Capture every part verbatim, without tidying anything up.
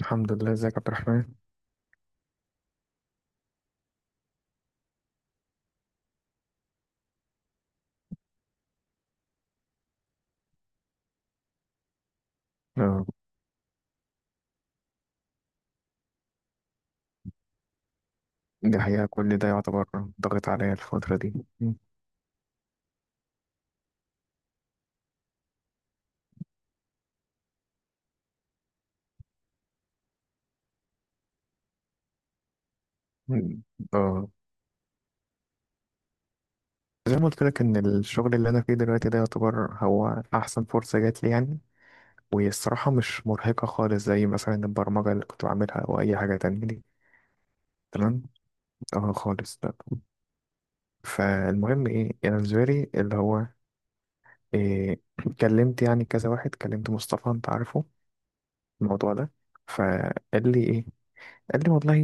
الحمد لله. ازيك يا عبد الرحمن؟ اه، دي حقيقة كل ده يعتبر ضاغط عليا الفترة دي. مم. اه، زي ما قلت لك ان الشغل اللي انا فيه دلوقتي ده يعتبر هو احسن فرصة جات لي يعني، وهي الصراحة مش مرهقة خالص زي مثلا البرمجة اللي كنت بعملها او اي حاجة تانية دي. تمام. اه، خالص لا. فالمهم ايه، انا بالنسبة لي اللي هو إيه، كلمت يعني كذا واحد، كلمت مصطفى انت عارفه الموضوع ده. فقال لي ايه، قال لي والله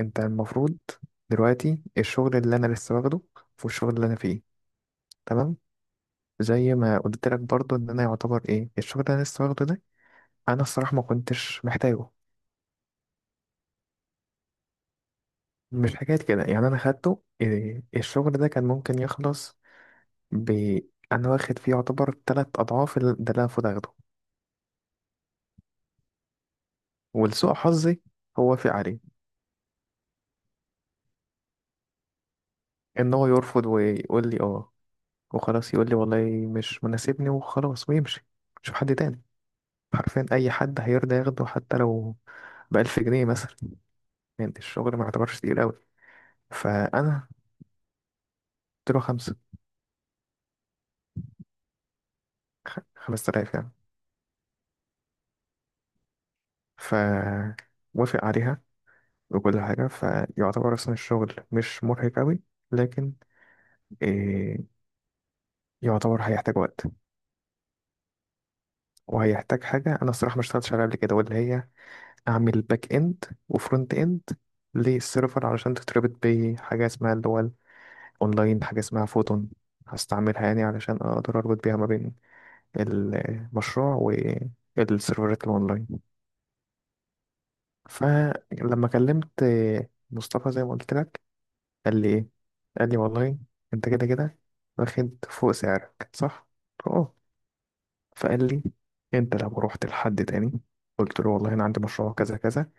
انت المفروض دلوقتي الشغل اللي انا لسه واخده والشغل اللي انا فيه تمام. زي ما قلت لك برضو ان انا يعتبر ايه الشغل اللي انا لسه واخده ده، انا الصراحه ما كنتش محتاجه. مش حكايه كده يعني، انا خدته إيه، الشغل ده كان ممكن يخلص ب انا واخد فيه يعتبر تلات اضعاف ال- ده اللي انا المفروض اخده. ولسوء حظي هو في عليه ان هو يرفض ويقول لي اه وخلاص، يقول لي والله مش مناسبني وخلاص ويمشي، شوف حد تاني. حرفيا اي حد هيرضى ياخده حتى لو بألف جنيه مثلا، يعني الشغل ما يعتبرش تقيل قوي. فانا قلت له خمسة، خ- خمسة آلاف يعني. فوافق عليها وكل حاجة، فيعتبر أصلا الشغل مش مرهق قوي لكن إيه، يعتبر هيحتاج وقت وهيحتاج حاجة أنا الصراحة ما اشتغلتش عليها قبل كده واللي هي أعمل باك إند وفرونت إند للسيرفر علشان تتربط بحاجة اسمها اللي هو الأونلاين، حاجة اسمها فوتون، هستعملها يعني علشان أقدر أربط بيها ما بين المشروع والسيرفرات الأونلاين. فلما كلمت مصطفى زي ما قلت لك قال لي إيه، قال لي والله أنت كده كده واخد فوق سعرك صح؟ قلت له أه. فقال لي أنت لو رحت لحد تاني قلت له والله أنا عندي مشروع كذا كذا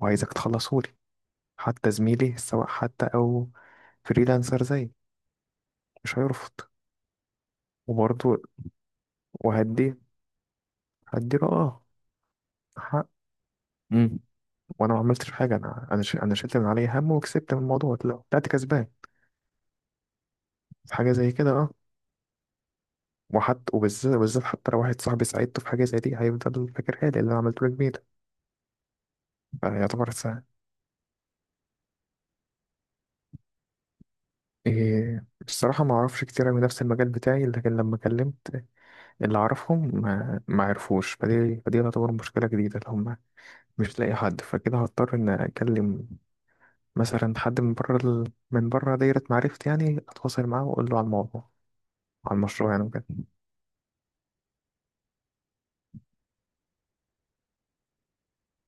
وعايزك تخلصه لي، حتى زميلي سواء حتى أو فريلانسر زي مش هيرفض وبرضه، وهدي، هديله أه حق. وانا ما عملتش حاجه، انا انا ش- انا شلت من عليا هم وكسبت من الموضوع، طلع- طلعت كسبان في حاجه زي كده اه. وحتى وبالذات وبالذات حتى لو واحد صاحبي ساعدته في حاجه زي دي هيفضل فاكرها لي، اللي انا عملته له جميل. فيعتبر ساعة إيه، الصراحه ما اعرفش كتير من نفس المجال بتاعي، لكن لما كلمت اللي اعرفهم ما, ما عرفوش، فدي فدي تعتبر مشكله جديده اللي هم مش لاقي حد. فكده هضطر ان اكلم مثلا حد من بره ال... من بره دايره معرفتي يعني، اتواصل معاه واقول له على الموضوع، على المشروع يعني وكده.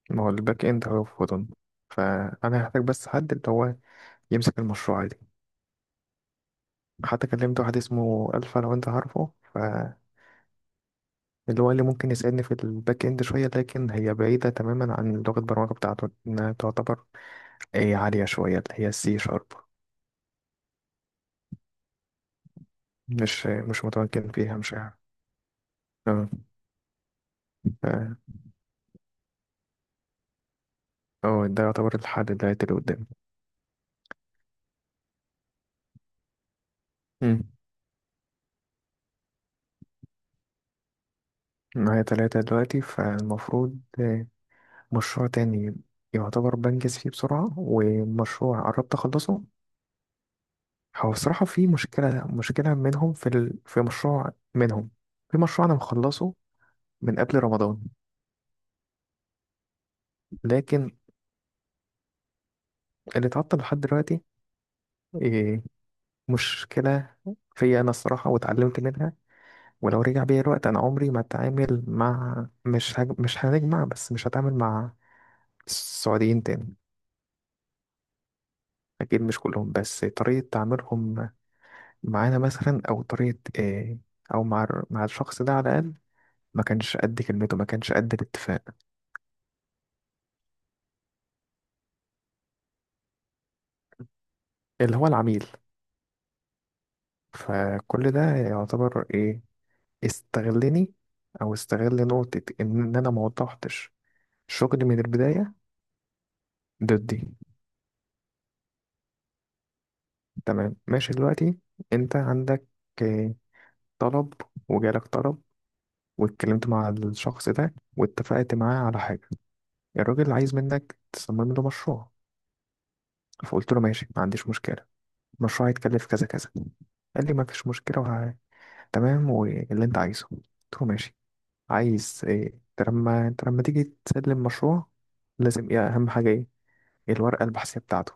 ما هو الباك اند هو فودن، فانا هحتاج بس حد اللي هو يمسك المشروع دي. حتى كلمت واحد اسمه الفا لو انت عارفه، فاللي هو اللي ممكن يساعدني في الباك اند شويه، لكن هي بعيده تماما عن لغه البرمجه بتاعته، انها تعتبر اي عاليه شويه اللي هي السي شارب، مش مش متمكن فيها، مش عارف. اه، ف- اه، ده يعتبر الحل دلوقتي اللي قدامي. مم. معايا تلاتة دلوقتي، فالمفروض آه، مشروع تاني يعتبر بنجز فيه بسرعة، ومشروع قربت أخلصه. هو الصراحة في مشكلة، مشكلة منهم في ال... في مشروع منهم، في مشروع أنا مخلصه من قبل رمضان. لكن اللي اتعطل لحد دلوقتي إيه، مشكلة فيا أنا الصراحة، واتعلمت منها. ولو رجع بيا الوقت أنا عمري ما أتعامل مع مش هج... مش هنجمع، بس مش هتعامل مع السعوديين تاني. أكيد مش كلهم، بس طريقة تعاملهم معانا مثلا أو طريقة إيه، أو مع مع الشخص ده على الأقل، ما كانش قد كلمته، ما كانش قد الاتفاق. اللي هو العميل. فكل ده يعتبر ايه، استغلني او استغل نقطة ان انا ما وضحتش شغلي من البداية ضدي. تمام، ماشي. دلوقتي انت عندك إيه، طلب، وجالك طلب، واتكلمت مع الشخص ده واتفقت معاه على حاجة. الراجل عايز منك تصمم له مشروع، فقلت له ماشي، ما عنديش مشكلة، المشروع هيتكلف كذا كذا. قال لي ما فيش مشكلة وه... تمام، واللي انت عايزه. قلت له ماشي، عايز ايه؟ انت لما انت لما تيجي تسلم مشروع لازم ايه اهم حاجة، ايه الورقة البحثية بتاعته.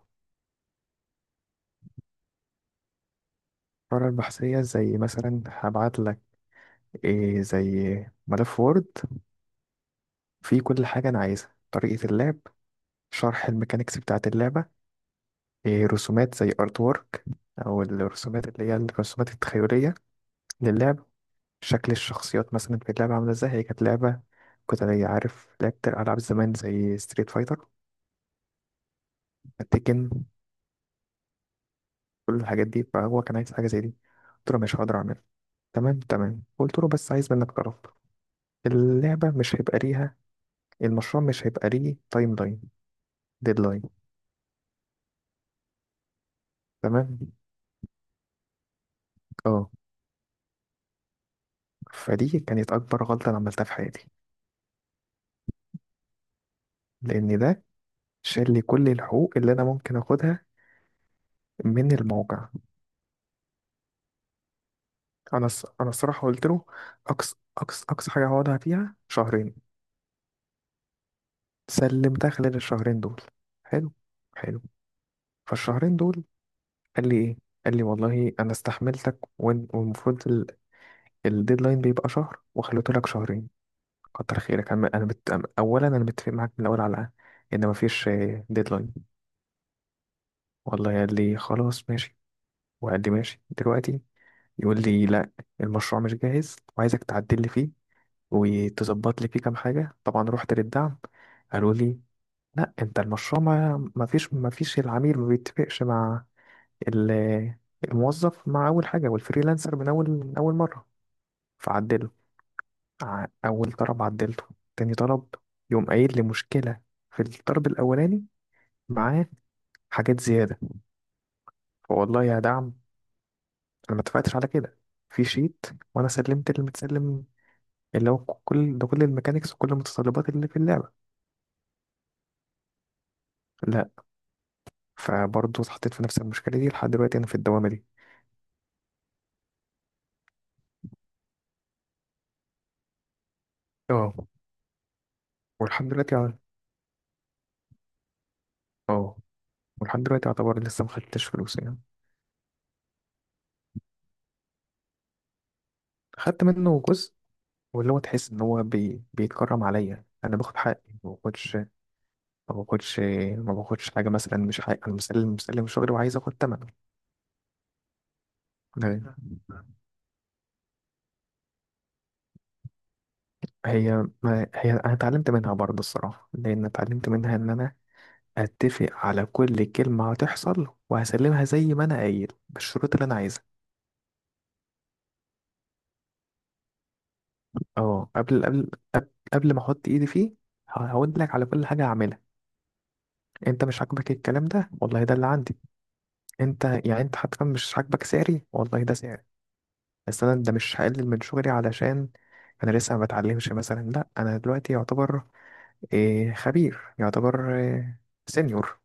الورقة البحثية زي مثلا هبعت لك إيه زي ملف وورد، فيه كل حاجة أنا عايزها، طريقة اللعب، شرح الميكانيكس بتاعة اللعبة، إيه رسومات زي ارت وورك، أو الرسومات اللي هي الرسومات التخيلية للعب، شكل الشخصيات مثلا في اللعبة عاملة ازاي. هي كانت لعبة كنت أنا عارف لعبت ألعاب زمان زي ستريت فايتر، تيكن، كل الحاجات دي. فهو كان عايز حاجة زي دي، قلت له مش هقدر أعملها. تمام تمام، قلت له بس عايز منك طرف اللعبة مش هيبقى ليها، المشروع مش هيبقى ليه تايم لاين، ديدلاين. تمام، اه. فدي كانت أكبر غلطة أنا عملتها في حياتي، لأن ده شال لي كل الحقوق اللي أنا ممكن أخدها من الموقع. أنا الص- أنا الصراحة قلت له أقصى أقصى أقصى حاجة هقعدها فيها شهرين، سلمتها خلال الشهرين دول. حلو حلو. فالشهرين دول قال لي ايه، قال لي والله انا استحملتك وال- والمفروض ال- الديدلاين بيبقى شهر وخليته لك شهرين، كتر خيرك. انا انا بت... اولا انا متفق معاك من الاول على ان مفيش آه، ديدلاين. والله قال لي خلاص ماشي، وقال لي ماشي. دلوقتي يقول لي لا، المشروع مش جاهز وعايزك تعدل لي فيه وتظبط لي فيه كام حاجه. طبعا رحت للدعم، قالوا لي لا انت المشروع ما ما فيش ما فيش العميل ما بيتفقش مع ال- الموظف مع أول حاجة، والفريلانسر من أول من أول مرة، فعدله. ع- أول طلب عدلته، تاني طلب يقوم قايل لي مشكلة في الطلب الأولاني، معاه حاجات زيادة. فوالله يا دعم أنا ما اتفقتش على كده في شيت، وأنا سلمت اللي متسلم اللي هو كل ده، كل الميكانيكس وكل المتطلبات اللي في اللعبة. لا، فبرضه اتحطيت في نفس المشكلة دي لحد دلوقتي، أنا في الدوامة دي. اه، ولحد دلوقتي. اه، ولحد دلوقتي يعتبر لسه ما خدتش فلوس يعني. خدت منه جزء، واللي هو تحس ان هو بي... بيتكرم عليا، انا باخد حقي ما باخدش ما باخدش ما باخدش حاجه مثلا مش حقي، انا مسلم مسلم شغلي وعايز اخد ثمنه. هي ما... هي انا اتعلمت منها برضه الصراحه، لان اتعلمت منها ان انا اتفق على كل كلمه هتحصل وهسلمها زي ما انا قايل بالشروط اللي انا عايزها. اه، قبل قبل قبل قبل ما احط ايدي فيه ه- هقول لك على كل حاجه هعملها. انت مش عاجبك الكلام ده، والله ده اللي عندي. انت يعني انت حتى مش عاجبك سعري، والله ده سعري، بس انا ده مش هقلل من شغلي علشان انا لسه ما بتعلمش مثلا. لا، انا دلوقتي يعتبر إيه، خبير، يعتبر إيه، سينيور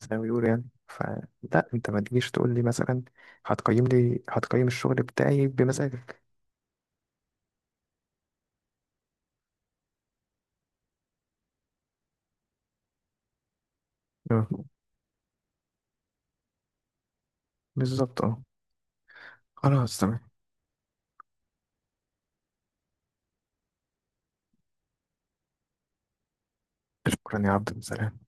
زي ما بيقولوا يعني. فلا انت ما تجيش تقول لي مثلا هتقيم لي، هتقيم الشغل بتاعي بمزاجك. آه، بالظبط اه. خلاص تمام. شكرا يا عبد السلام.